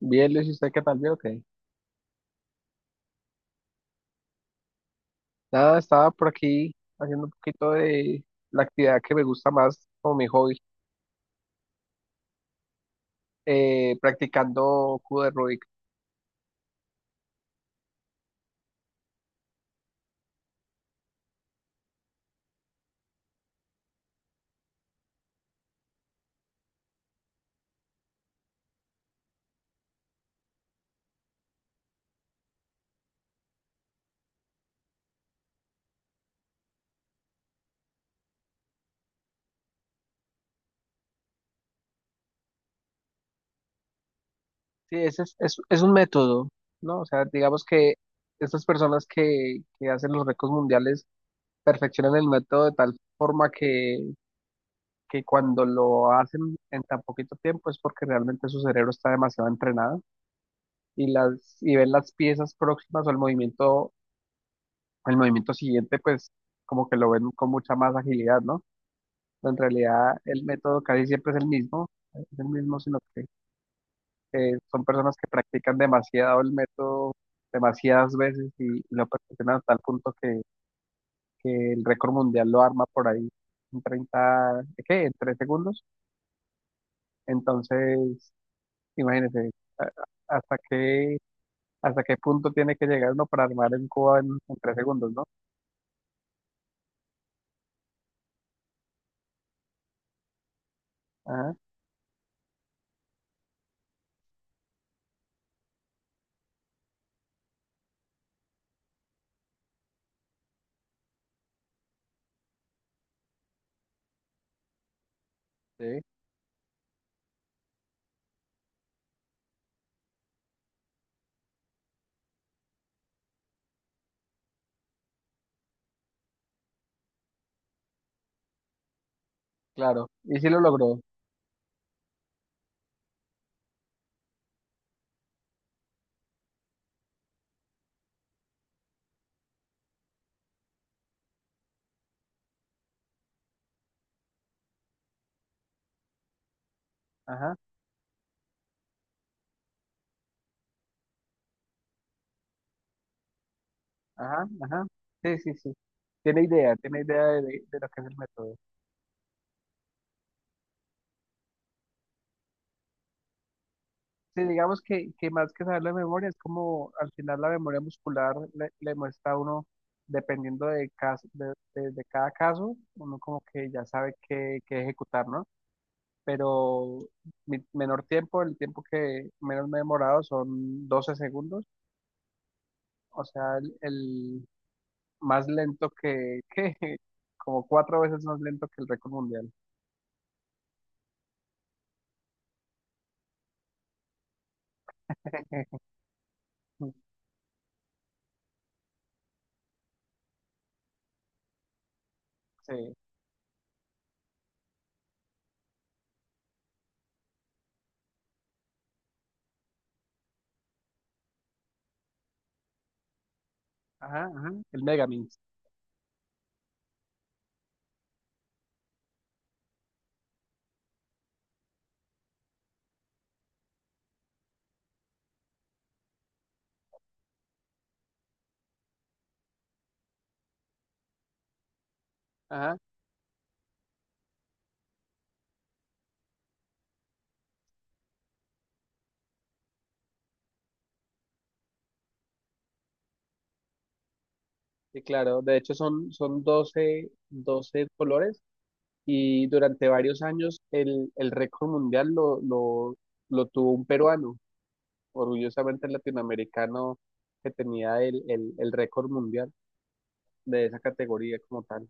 Bien, Luis, ¿y usted qué tal? Bien, ok. Nada, estaba por aquí haciendo un poquito de la actividad que me gusta más como mi hobby, practicando cubo de Rubik. Sí, ese es un método, ¿no? O sea, digamos que estas personas que hacen los récords mundiales perfeccionan el método de tal forma que cuando lo hacen en tan poquito tiempo es porque realmente su cerebro está demasiado entrenado y ven las piezas próximas o el movimiento siguiente, pues como que lo ven con mucha más agilidad, ¿no? Pero en realidad el método casi siempre es el mismo, sino que son personas que practican demasiado el método demasiadas veces y lo perfeccionan a tal punto que el récord mundial lo arma por ahí en 30, ¿qué? En 3 segundos. Entonces, imagínense, hasta qué punto tiene que llegar uno para armar en Cuba en 3 segundos, ¿no? Ajá, sí, claro. Y sí lo logró. Ajá. Ajá, ajá. Sí, sí, sí. Tiene idea de lo que es el método. Sí, digamos que más que saber la memoria, es como al final la memoria muscular le muestra a uno, dependiendo de cada caso, uno como que ya sabe qué ejecutar, ¿no? Pero mi menor tiempo, el tiempo que menos me he demorado son 12 segundos, o sea, el más lento como cuatro veces más lento que el récord mundial. Sí. Ajá, ajá, el Megamix. Ajá, sí, claro. De hecho, son 12 colores y durante varios años el récord mundial lo tuvo un peruano, orgullosamente el latinoamericano que tenía el récord mundial de esa categoría como tal.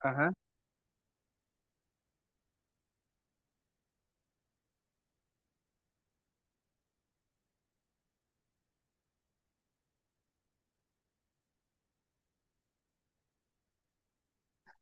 Ajá.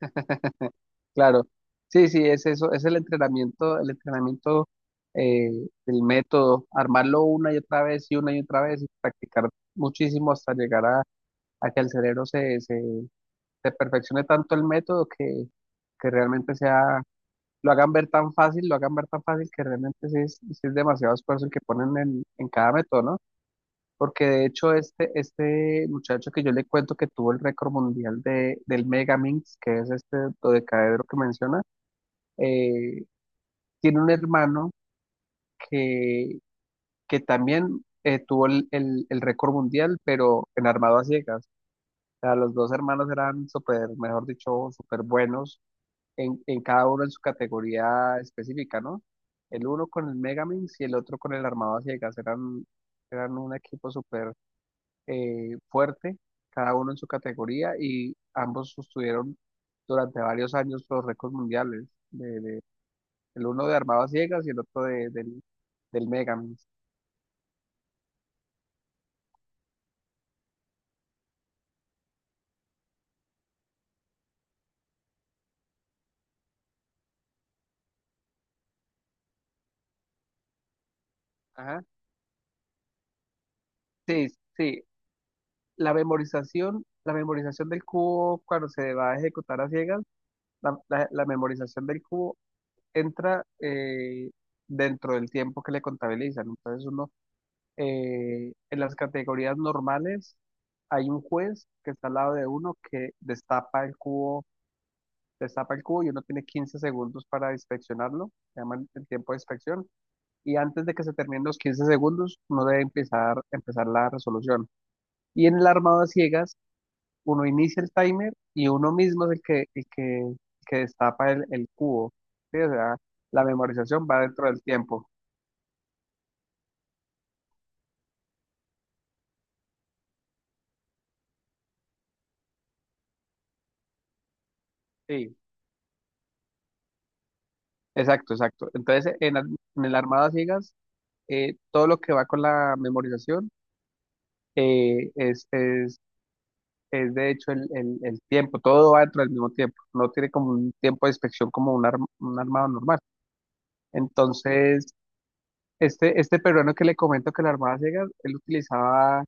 Claro, sí, sí, es eso, es el entrenamiento, eh, el método, armarlo una y otra vez y una y otra vez y practicar muchísimo hasta llegar a que el cerebro se perfeccione tanto el método que realmente sea, lo hagan ver tan fácil, lo hagan ver tan fácil que realmente sí es demasiado esfuerzo el que ponen en cada método, ¿no? Porque de hecho este muchacho que yo le cuento que tuvo el récord mundial del Megaminx, que es este dodecaedro que menciona, eh, tiene un hermano que, que también tuvo el récord mundial, pero en armado a ciegas. Sea, los dos hermanos eran súper, mejor dicho, súper buenos en cada uno en su categoría específica, ¿no? El uno con el Megaminx y el otro con el Armado a Ciegas. Eran un equipo súper fuerte, cada uno en su categoría y ambos sostuvieron durante varios años los récords mundiales. El uno de Armado a Ciegas y el otro del Megaminx. Ajá. Sí, sí. La memorización del cubo cuando se va a ejecutar a ciegas. La memorización del cubo entra dentro del tiempo que le contabilizan. Entonces uno, en las categorías normales, hay un juez que está al lado de uno que destapa el cubo y uno tiene 15 segundos para inspeccionarlo, se llama el tiempo de inspección, y antes de que se terminen los 15 segundos, uno debe empezar la resolución. Y en el armado a ciegas uno inicia el timer y uno mismo es el que destapa el cubo. ¿Sí? O sea, la memorización va dentro del tiempo. Sí. Exacto, exacto. Entonces, en el armado a ciegas, todo lo que va con la memorización eh, es, es, es de hecho el tiempo, todo va dentro del mismo tiempo, no tiene como un tiempo de inspección como un armado normal. Entonces, este peruano que le comento que el armado a ciegas, él utilizaba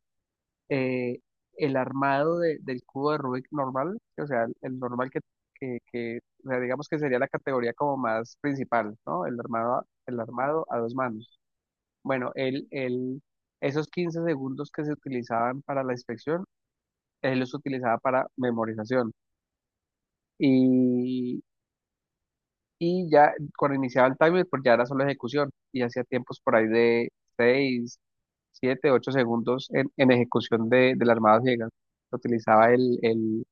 eh, el armado del cubo de Rubik normal, o sea, el normal que, que, o sea, digamos que sería la categoría como más principal, ¿no? El armado a dos manos. Bueno, el esos 15 segundos que se utilizaban para la inspección, él los utilizaba para memorización. Y, y ya cuando iniciaba el timer, pues ya era solo ejecución y hacía tiempos por ahí de 6 7 8 segundos en ejecución del armado ciegas. Utilizaba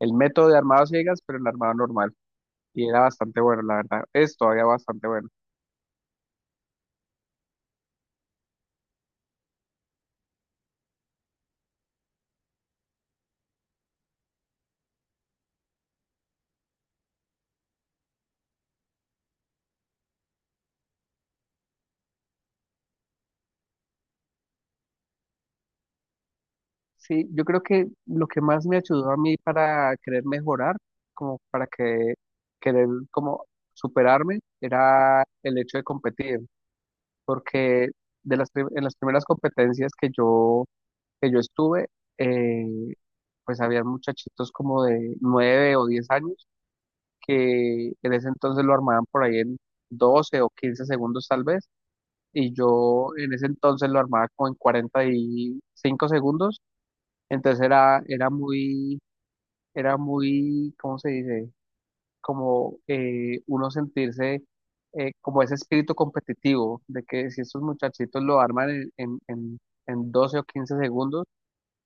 el método de armado a ciegas, pero el armado normal. Y era bastante bueno, la verdad. Es todavía bastante bueno. Sí, yo creo que lo que más me ayudó a mí para querer mejorar, como para que querer como superarme, era el hecho de competir, porque en las primeras competencias que yo estuve, eh, pues había muchachitos como de 9 o 10 años que en ese entonces lo armaban por ahí en 12 o 15 segundos tal vez y yo en ese entonces lo armaba como en 45 segundos, entonces era muy, ¿cómo se dice? Como uno sentirse como ese espíritu competitivo de que si estos muchachitos lo arman en 12 o 15 segundos,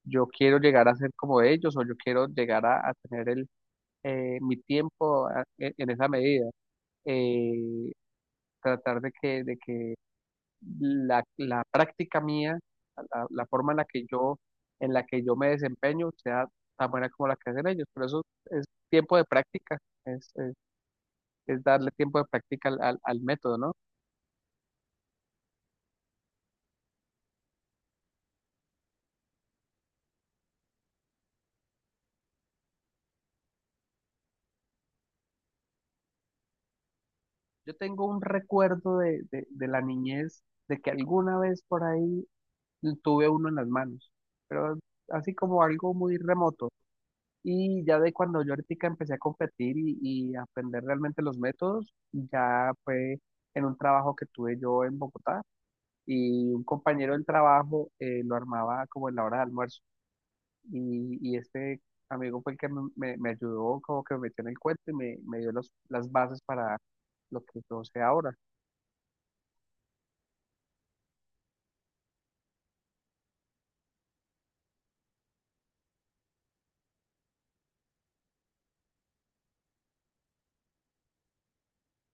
yo quiero llegar a ser como ellos o yo quiero llegar a tener mi tiempo en esa medida. eh, Tratar de que la práctica mía, la forma en la que yo me desempeño, sea tan buena como la que hacen ellos. Por eso es tiempo de práctica, es, es- es darle tiempo de práctica al método, ¿no? Yo tengo un recuerdo de la niñez, de que alguna vez por ahí tuve uno en las manos, pero así como algo muy remoto. Y ya de cuando yo ahorita empecé a competir y a aprender realmente los métodos, ya fue en un trabajo que tuve yo en Bogotá. Y un compañero del trabajo lo armaba como en la hora de almuerzo. Y este amigo fue el que me ayudó, como que me metió en el cuento y me dio las bases para lo que yo sé ahora.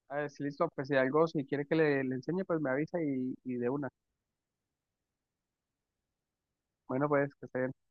A ver, si listo, pues si algo, si quiere que le enseñe, pues me avisa y de una. Bueno, pues que esté